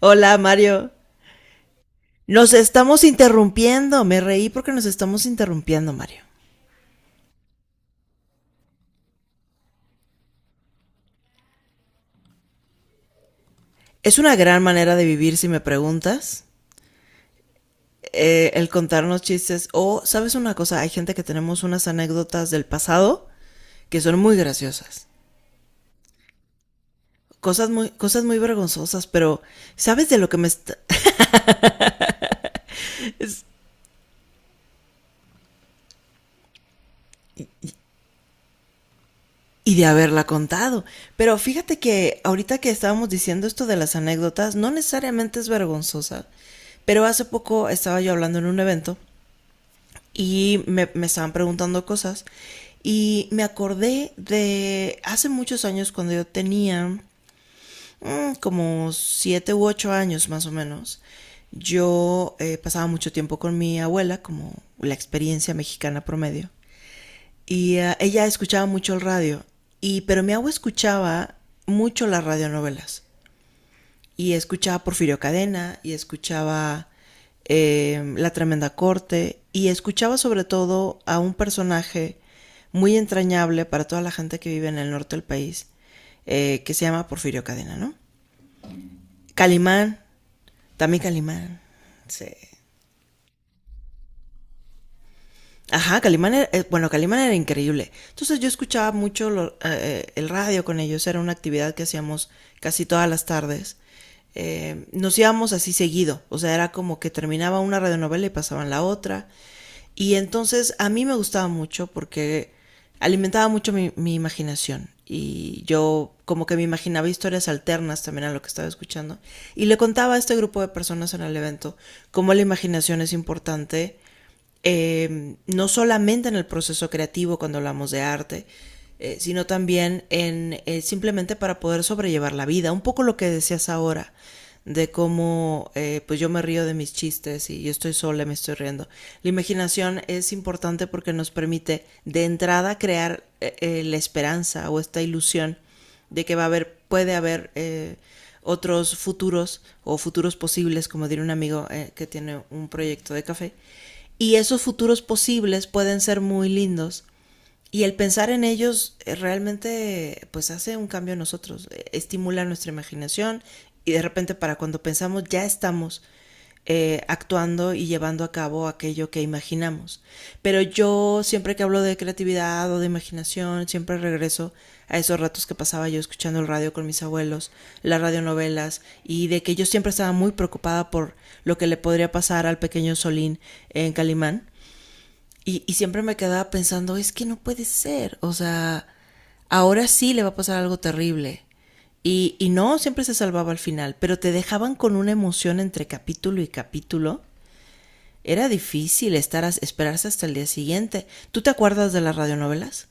Hola, Mario. Nos estamos interrumpiendo. Me reí porque nos estamos interrumpiendo, Mario. Es una gran manera de vivir, si me preguntas. El contarnos chistes. O, ¿sabes una cosa? Hay gente que tenemos unas anécdotas del pasado que son muy graciosas. Cosas muy vergonzosas, pero ¿sabes de lo que me está... Y de haberla contado. Pero fíjate que ahorita que estábamos diciendo esto de las anécdotas, no necesariamente es vergonzosa. Pero hace poco estaba yo hablando en un evento y me estaban preguntando cosas. Y me acordé de hace muchos años cuando yo tenía como siete u ocho años más o menos. Yo pasaba mucho tiempo con mi abuela, como la experiencia mexicana promedio. Y ella escuchaba mucho el radio. Y pero mi abuela escuchaba mucho las radionovelas. Y escuchaba Porfirio Cadena y escuchaba La Tremenda Corte y escuchaba sobre todo a un personaje muy entrañable para toda la gente que vive en el norte del país, que se llama Porfirio Cadena, ¿no? Calimán, también Calimán. Sí. Ajá, Calimán era, bueno, Calimán era increíble. Entonces yo escuchaba mucho el radio con ellos, era una actividad que hacíamos casi todas las tardes. Nos íbamos así seguido, o sea, era como que terminaba una radionovela y pasaban la otra. Y entonces a mí me gustaba mucho porque alimentaba mucho mi imaginación y yo como que me imaginaba historias alternas también a lo que estaba escuchando y le contaba a este grupo de personas en el evento cómo la imaginación es importante, no solamente en el proceso creativo cuando hablamos de arte, sino también en simplemente para poder sobrellevar la vida. Un poco lo que decías ahora, de cómo pues yo me río de mis chistes y yo estoy sola, y me estoy riendo. La imaginación es importante porque nos permite de entrada crear la esperanza o esta ilusión de que va a haber, puede haber, otros futuros o futuros posibles, como diría un amigo que tiene un proyecto de café. Y esos futuros posibles pueden ser muy lindos y el pensar en ellos realmente pues hace un cambio en nosotros, estimula nuestra imaginación y de repente para cuando pensamos ya estamos actuando y llevando a cabo aquello que imaginamos. Pero yo siempre que hablo de creatividad o de imaginación, siempre regreso a esos ratos que pasaba yo escuchando el radio con mis abuelos, las radionovelas, y de que yo siempre estaba muy preocupada por lo que le podría pasar al pequeño Solín en Calimán. Y siempre me quedaba pensando, es que no puede ser, o sea, ahora sí le va a pasar algo terrible. Y no, siempre se salvaba al final, pero te dejaban con una emoción entre capítulo y capítulo. Era difícil esperarse hasta el día siguiente. ¿Tú te acuerdas de las radionovelas?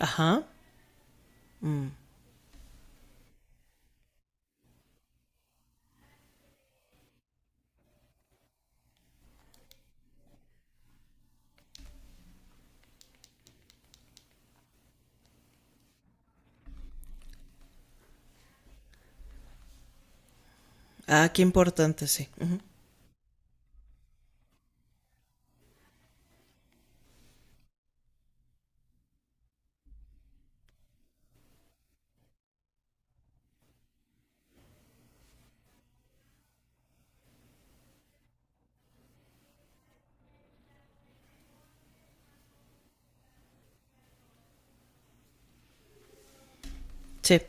Ajá. Ah, qué importante, sí. Ujú. Sí.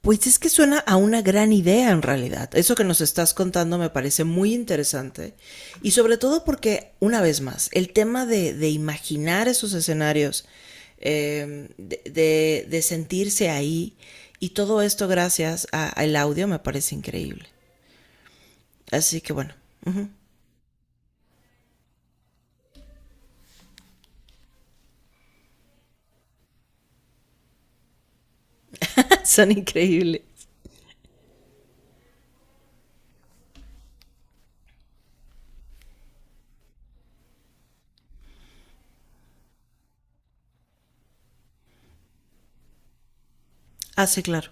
Pues es que suena a una gran idea en realidad. Eso que nos estás contando me parece muy interesante. Y sobre todo porque, una vez más, el tema de imaginar esos escenarios, sentirse ahí, y todo esto gracias al audio me parece increíble. Así que bueno, uh -huh. son increíbles. Ah, sí, claro.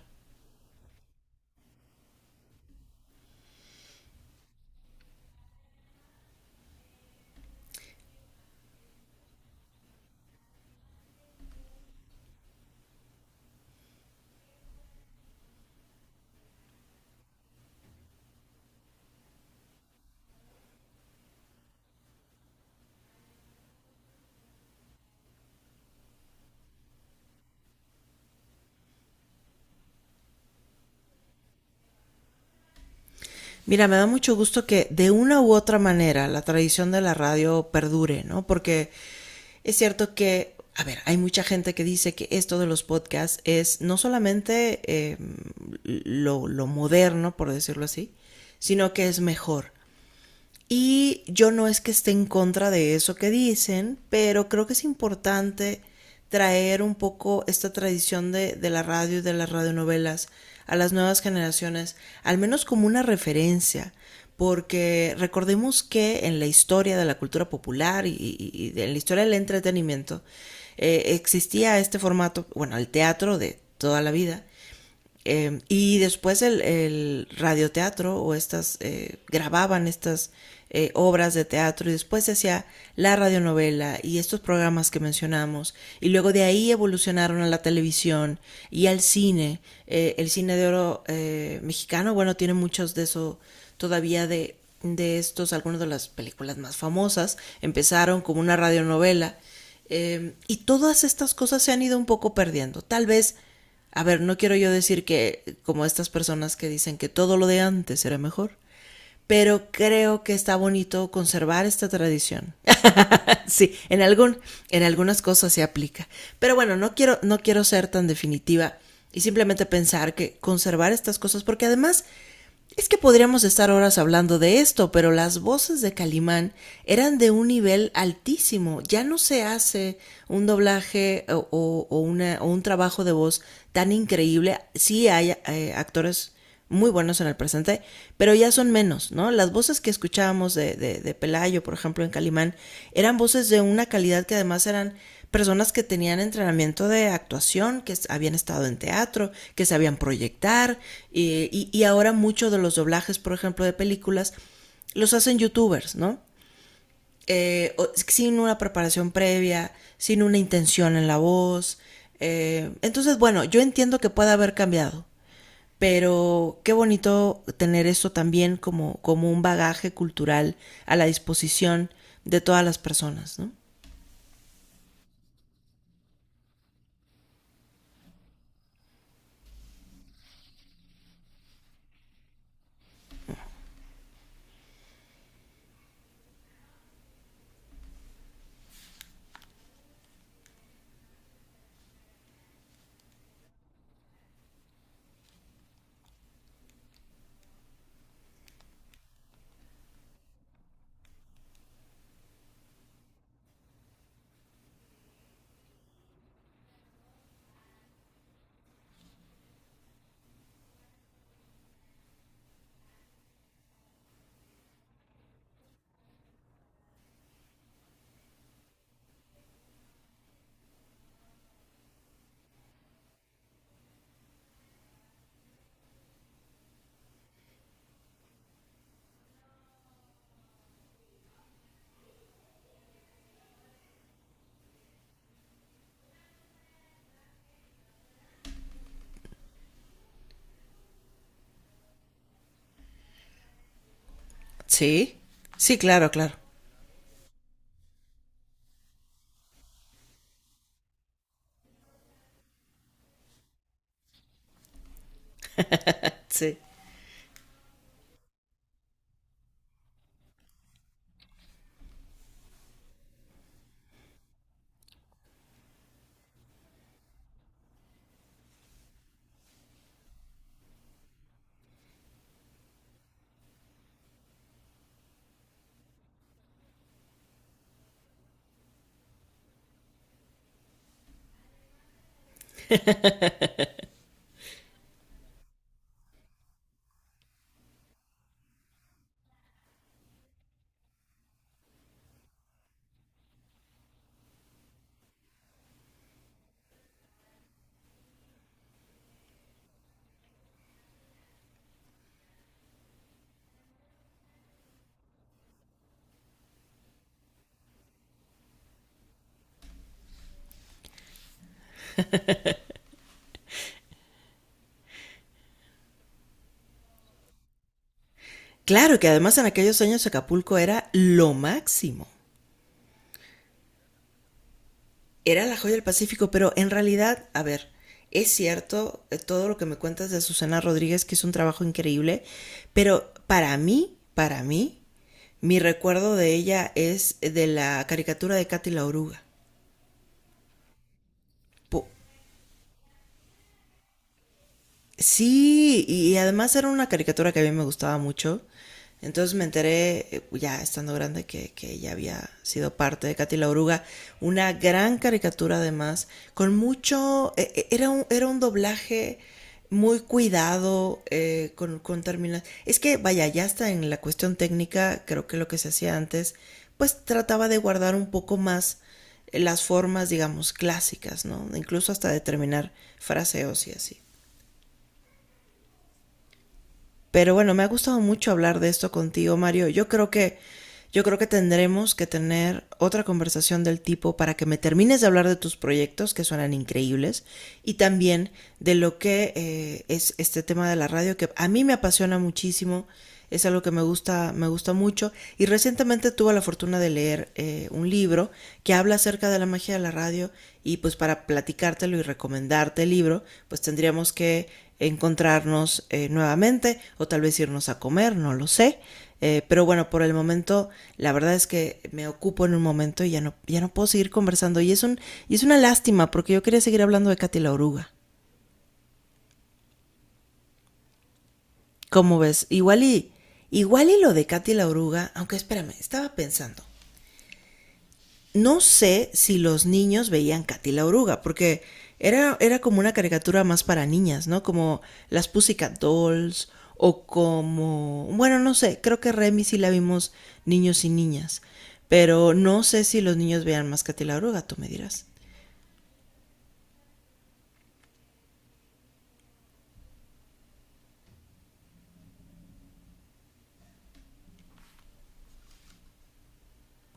Mira, me da mucho gusto que de una u otra manera la tradición de la radio perdure, ¿no? Porque es cierto que, a ver, hay mucha gente que dice que esto de los podcasts es no solamente, lo moderno, por decirlo así, sino que es mejor. Y yo no es que esté en contra de eso que dicen, pero creo que es importante traer un poco esta tradición de la radio y de las radionovelas a las nuevas generaciones, al menos como una referencia, porque recordemos que en la historia de la cultura popular y en la historia del entretenimiento existía este formato, bueno, el teatro de toda la vida, y después el radioteatro o estas grababan estas obras de teatro y después se hacía la radionovela y estos programas que mencionamos y luego de ahí evolucionaron a la televisión y al cine. El cine de oro mexicano, bueno, tiene muchos de eso todavía de estos, algunas de las películas más famosas empezaron como una radionovela, y todas estas cosas se han ido un poco perdiendo. Tal vez a ver, no quiero yo decir que como estas personas que dicen que todo lo de antes era mejor, pero creo que está bonito conservar esta tradición. sí, en algún en algunas cosas se aplica. Pero bueno, no quiero ser tan definitiva y simplemente pensar que conservar estas cosas porque además es que podríamos estar horas hablando de esto, pero las voces de Calimán eran de un nivel altísimo. Ya no se hace un doblaje o o un trabajo de voz tan increíble. Sí hay actores muy buenos en el presente, pero ya son menos, ¿no? Las voces que escuchábamos de Pelayo, por ejemplo, en Calimán, eran voces de una calidad que además eran personas que tenían entrenamiento de actuación, que habían estado en teatro, que sabían proyectar, ahora muchos de los doblajes, por ejemplo, de películas, los hacen youtubers, ¿no? Eh, Sin una preparación previa, sin una intención en la voz. Entonces, bueno, yo entiendo que pueda haber cambiado, pero qué bonito tener esto también como, como un bagaje cultural a la disposición de todas las personas, ¿no? Sí, sí, claro, claro. Sí. Claro que además en aquellos años Acapulco era lo máximo. Era la joya del Pacífico, pero en realidad, a ver, es cierto, todo lo que me cuentas de Susana Rodríguez, que hizo un trabajo increíble, pero para mí, mi recuerdo de ella es de la caricatura de Katy la Oruga. Po- Sí, y además era una caricatura que a mí me gustaba mucho. Entonces me enteré, ya estando grande, que ella había sido parte de Katy la Oruga. Una gran caricatura además, con mucho... era un doblaje muy cuidado, con con termina- Es que, vaya, ya hasta en la cuestión técnica, creo que lo que se hacía antes, pues trataba de guardar un poco más las formas, digamos, clásicas, ¿no? Incluso hasta determinar fraseos y así. Pero bueno, me ha gustado mucho hablar de esto contigo, Mario. Yo creo que tendremos que tener otra conversación del tipo para que me termines de hablar de tus proyectos que suenan increíbles y también de lo que es este tema de la radio que a mí me apasiona muchísimo, es algo que me gusta mucho. Y recientemente tuve la fortuna de leer un libro que habla acerca de la magia de la radio y pues para platicártelo y recomendarte el libro, pues tendríamos que encontrarnos nuevamente o tal vez irnos a comer, no lo sé. Pero bueno, por el momento, la verdad es que me ocupo en un momento y ya no, ya no puedo seguir conversando. Y es una lástima porque yo quería seguir hablando de Katy la Oruga. ¿Cómo ves? Igual y lo de Katy la Oruga, aunque espérame, estaba pensando. No sé si los niños veían Katy la Oruga, porque era como una caricatura más para niñas, ¿no? Como las Pussycat Dolls o como... Bueno, no sé, creo que Remy sí la vimos niños y niñas, pero no sé si los niños veían más Katy la Oruga, tú me dirás.